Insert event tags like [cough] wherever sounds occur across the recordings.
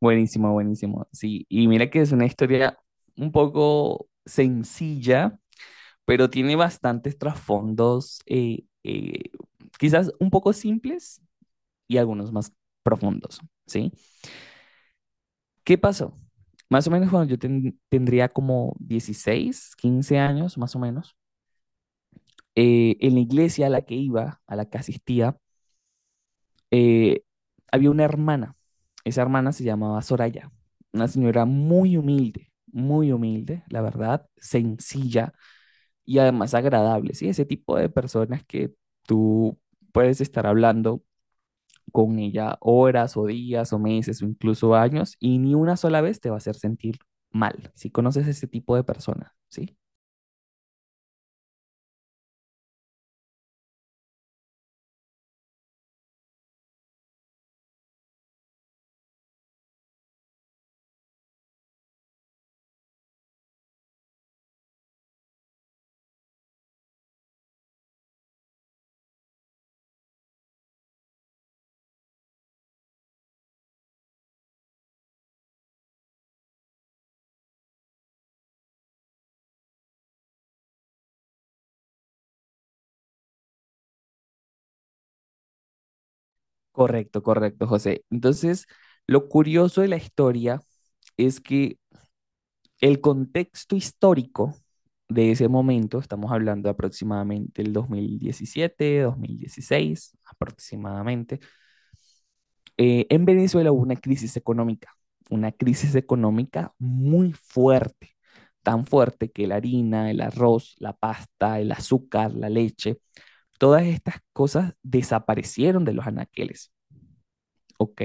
Buenísimo, buenísimo. Sí, y mira que es una historia un poco sencilla, pero tiene bastantes trasfondos, quizás un poco simples y algunos más profundos, ¿sí? ¿Qué pasó? Más o menos cuando yo tendría como 16 15 años, más o menos, en la iglesia a la que iba, a la que asistía, eh, había una hermana, esa hermana se llamaba Soraya, una señora muy humilde, la verdad, sencilla y además agradable, ¿sí? Ese tipo de personas que tú puedes estar hablando con ella horas o días o meses o incluso años y ni una sola vez te va a hacer sentir mal, si conoces ese tipo de personas, ¿sí? Correcto, correcto, José. Entonces, lo curioso de la historia es que el contexto histórico de ese momento, estamos hablando aproximadamente del 2017, 2016, aproximadamente, en Venezuela hubo una crisis económica muy fuerte, tan fuerte que la harina, el arroz, la pasta, el azúcar, la leche, todas estas cosas desaparecieron de los anaqueles, ¿ok?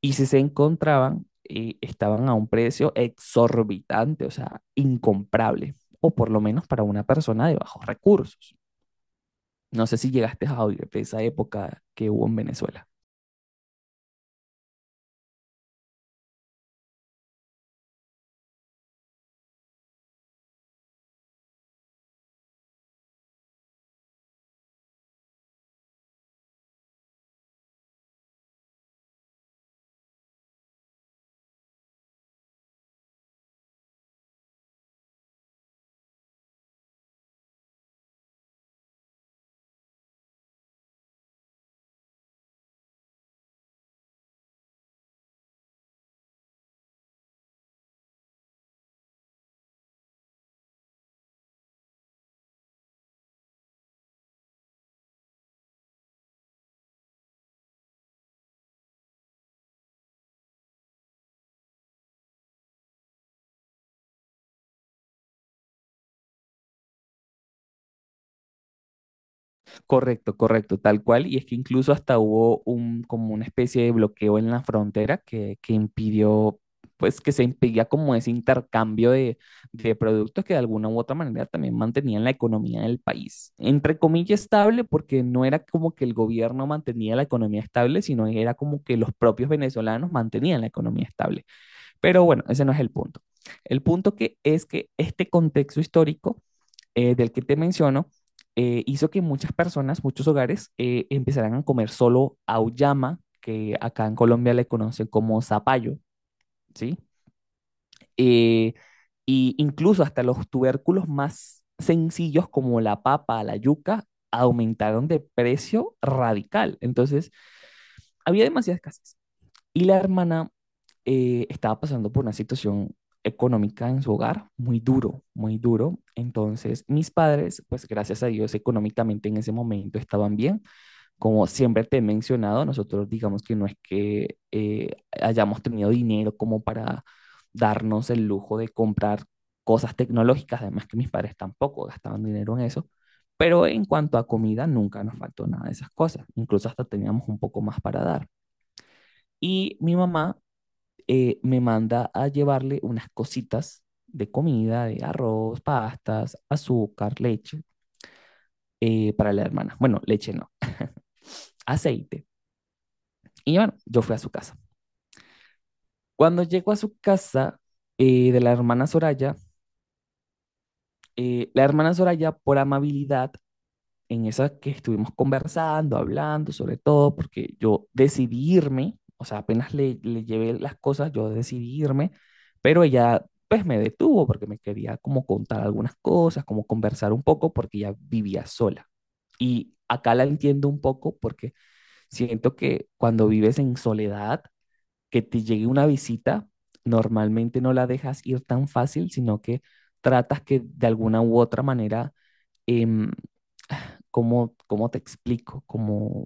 Y si se encontraban, estaban a un precio exorbitante, o sea, incomprable, o por lo menos para una persona de bajos recursos. No sé si llegaste a oír de esa época que hubo en Venezuela. Correcto, correcto, tal cual. Y es que incluso hasta hubo un, como una especie de bloqueo en la frontera que impidió, pues que se impedía como ese intercambio de productos que de alguna u otra manera también mantenían la economía del país. Entre comillas estable, porque no era como que el gobierno mantenía la economía estable, sino era como que los propios venezolanos mantenían la economía estable. Pero bueno, ese no es el punto. El punto que es que este contexto histórico del que te menciono hizo que muchas personas, muchos hogares, empezaran a comer solo auyama, que acá en Colombia le conocen como zapallo, ¿sí? Eh, y incluso hasta los tubérculos más sencillos como la papa, la yuca, aumentaron de precio radical. Entonces, había demasiada escasez. Y la hermana estaba pasando por una situación económica en su hogar muy duro, muy duro. Entonces, mis padres, pues gracias a Dios, económicamente en ese momento estaban bien. Como siempre te he mencionado, nosotros digamos que no es que hayamos tenido dinero como para darnos el lujo de comprar cosas tecnológicas, además que mis padres tampoco gastaban dinero en eso. Pero en cuanto a comida, nunca nos faltó nada de esas cosas. Incluso hasta teníamos un poco más para dar. Y mi mamá me manda a llevarle unas cositas de comida, de arroz, pastas, azúcar, leche, para la hermana. Bueno, leche no, aceite. Y bueno, yo fui a su casa. Cuando llego a su casa de la hermana Soraya, por amabilidad, en esa que estuvimos conversando, hablando sobre todo, porque yo decidí irme, o sea, apenas le llevé las cosas, yo decidí irme, pero ella pues me detuvo porque me quería como contar algunas cosas, como conversar un poco, porque ella vivía sola. Y acá la entiendo un poco porque siento que cuando vives en soledad, que te llegue una visita, normalmente no la dejas ir tan fácil, sino que tratas que de alguna u otra manera em, ¿cómo, cómo te explico? ¿Cómo,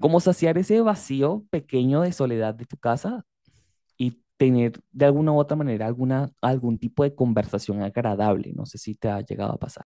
cómo saciar ese vacío pequeño de soledad de tu casa y tener de alguna u otra manera alguna, algún tipo de conversación agradable? No sé si te ha llegado a pasar.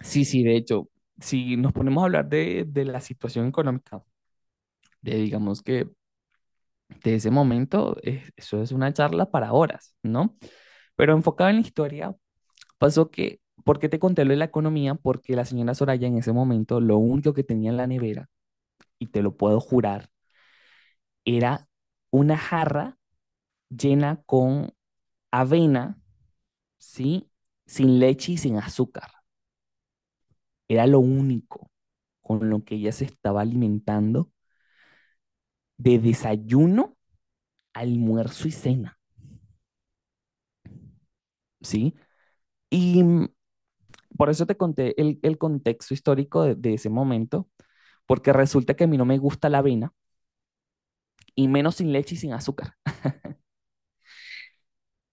Sí, sí, de hecho, si nos ponemos a hablar de la situación económica, de digamos que de ese momento, eso es una charla para horas, ¿no? Pero enfocada en la historia, pasó que, ¿por qué te conté lo de la economía? Porque la señora Soraya en ese momento lo único que tenía en la nevera, y te lo puedo jurar, era una jarra llena con avena, ¿sí? Sin leche y sin azúcar. Era lo único con lo que ella se estaba alimentando de desayuno, almuerzo y cena, ¿sí? Y por eso te conté el contexto histórico de ese momento, porque resulta que a mí no me gusta la avena, y menos sin leche y sin azúcar.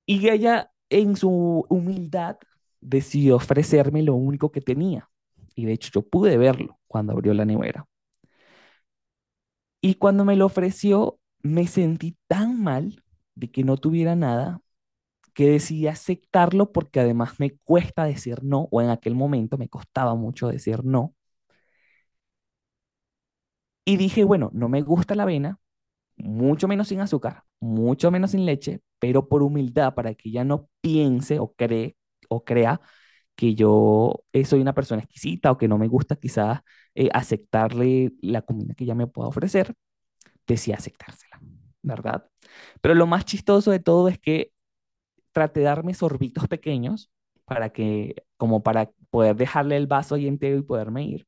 Y ella, en su humildad, decidió ofrecerme lo único que tenía. Y de hecho, yo pude verlo cuando abrió la nevera. Y cuando me lo ofreció, me sentí tan mal de que no tuviera nada que decidí aceptarlo porque además me cuesta decir no, o en aquel momento me costaba mucho decir no. Y dije, bueno, no me gusta la avena, mucho menos sin azúcar, mucho menos sin leche, pero por humildad, para que ella no piense o cree o crea que yo soy una persona exquisita o que no me gusta quizás aceptarle la comida que ella me pueda ofrecer, decía aceptársela, ¿verdad? Pero lo más chistoso de todo es que traté de darme sorbitos pequeños para que, como para poder dejarle el vaso y entero y poderme ir.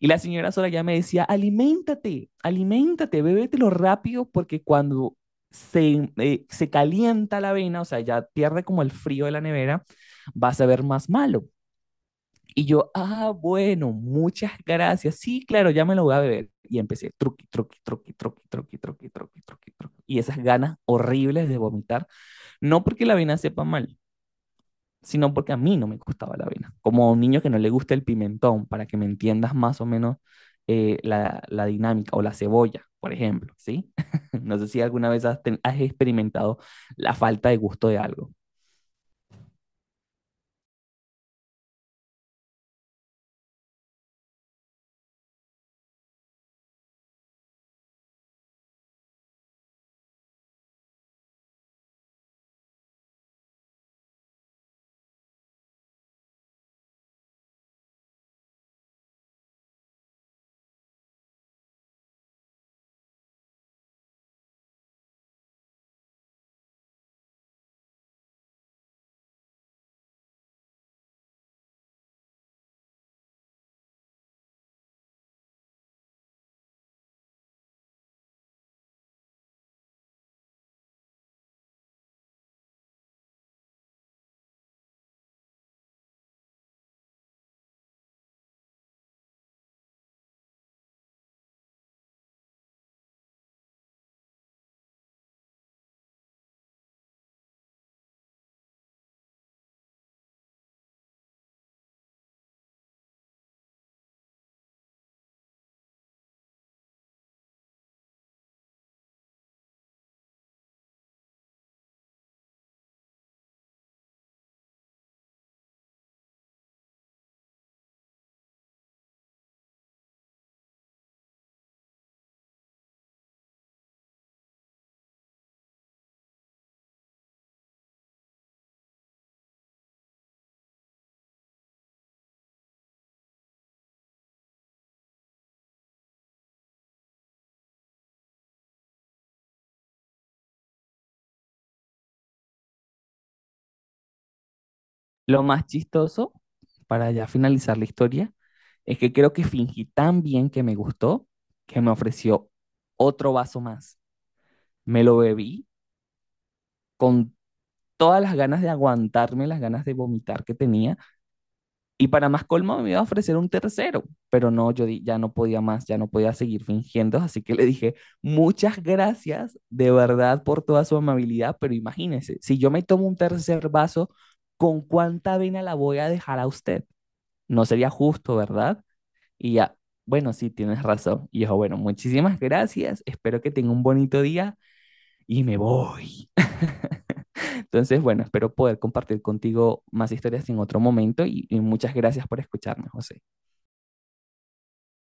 Y la señora sola ya me decía, aliméntate, aliméntate, bébetelo rápido porque cuando se, se calienta la avena, o sea, ya pierde como el frío de la nevera, vas a ver más malo. Y yo, ah, bueno, muchas gracias. Sí, claro, ya me lo voy a beber. Y empecé, truqui, truqui, truqui, truqui, truqui, truqui, truqui, truqui, truqui. Y esas ganas horribles de vomitar, no porque la avena sepa mal, sino porque a mí no me gustaba la avena. Como a un niño que no le gusta el pimentón, para que me entiendas más o menos la dinámica, o la cebolla, por ejemplo, ¿sí? [laughs] No sé si alguna vez has experimentado la falta de gusto de algo. Lo más chistoso, para ya finalizar la historia, es que creo que fingí tan bien que me gustó que me ofreció otro vaso más. Me lo bebí con todas las ganas de aguantarme, las ganas de vomitar que tenía, y para más colmo me iba a ofrecer un tercero, pero no, ya no podía más, ya no podía seguir fingiendo, así que le dije, muchas gracias de verdad por toda su amabilidad, pero imagínese, si yo me tomo un tercer vaso, ¿con cuánta vena la voy a dejar a usted? No sería justo, ¿verdad? Y ya, bueno, sí, tienes razón. Y dijo, bueno, muchísimas gracias, espero que tenga un bonito día y me voy. Entonces, bueno, espero poder compartir contigo más historias en otro momento y muchas gracias por escucharme, José.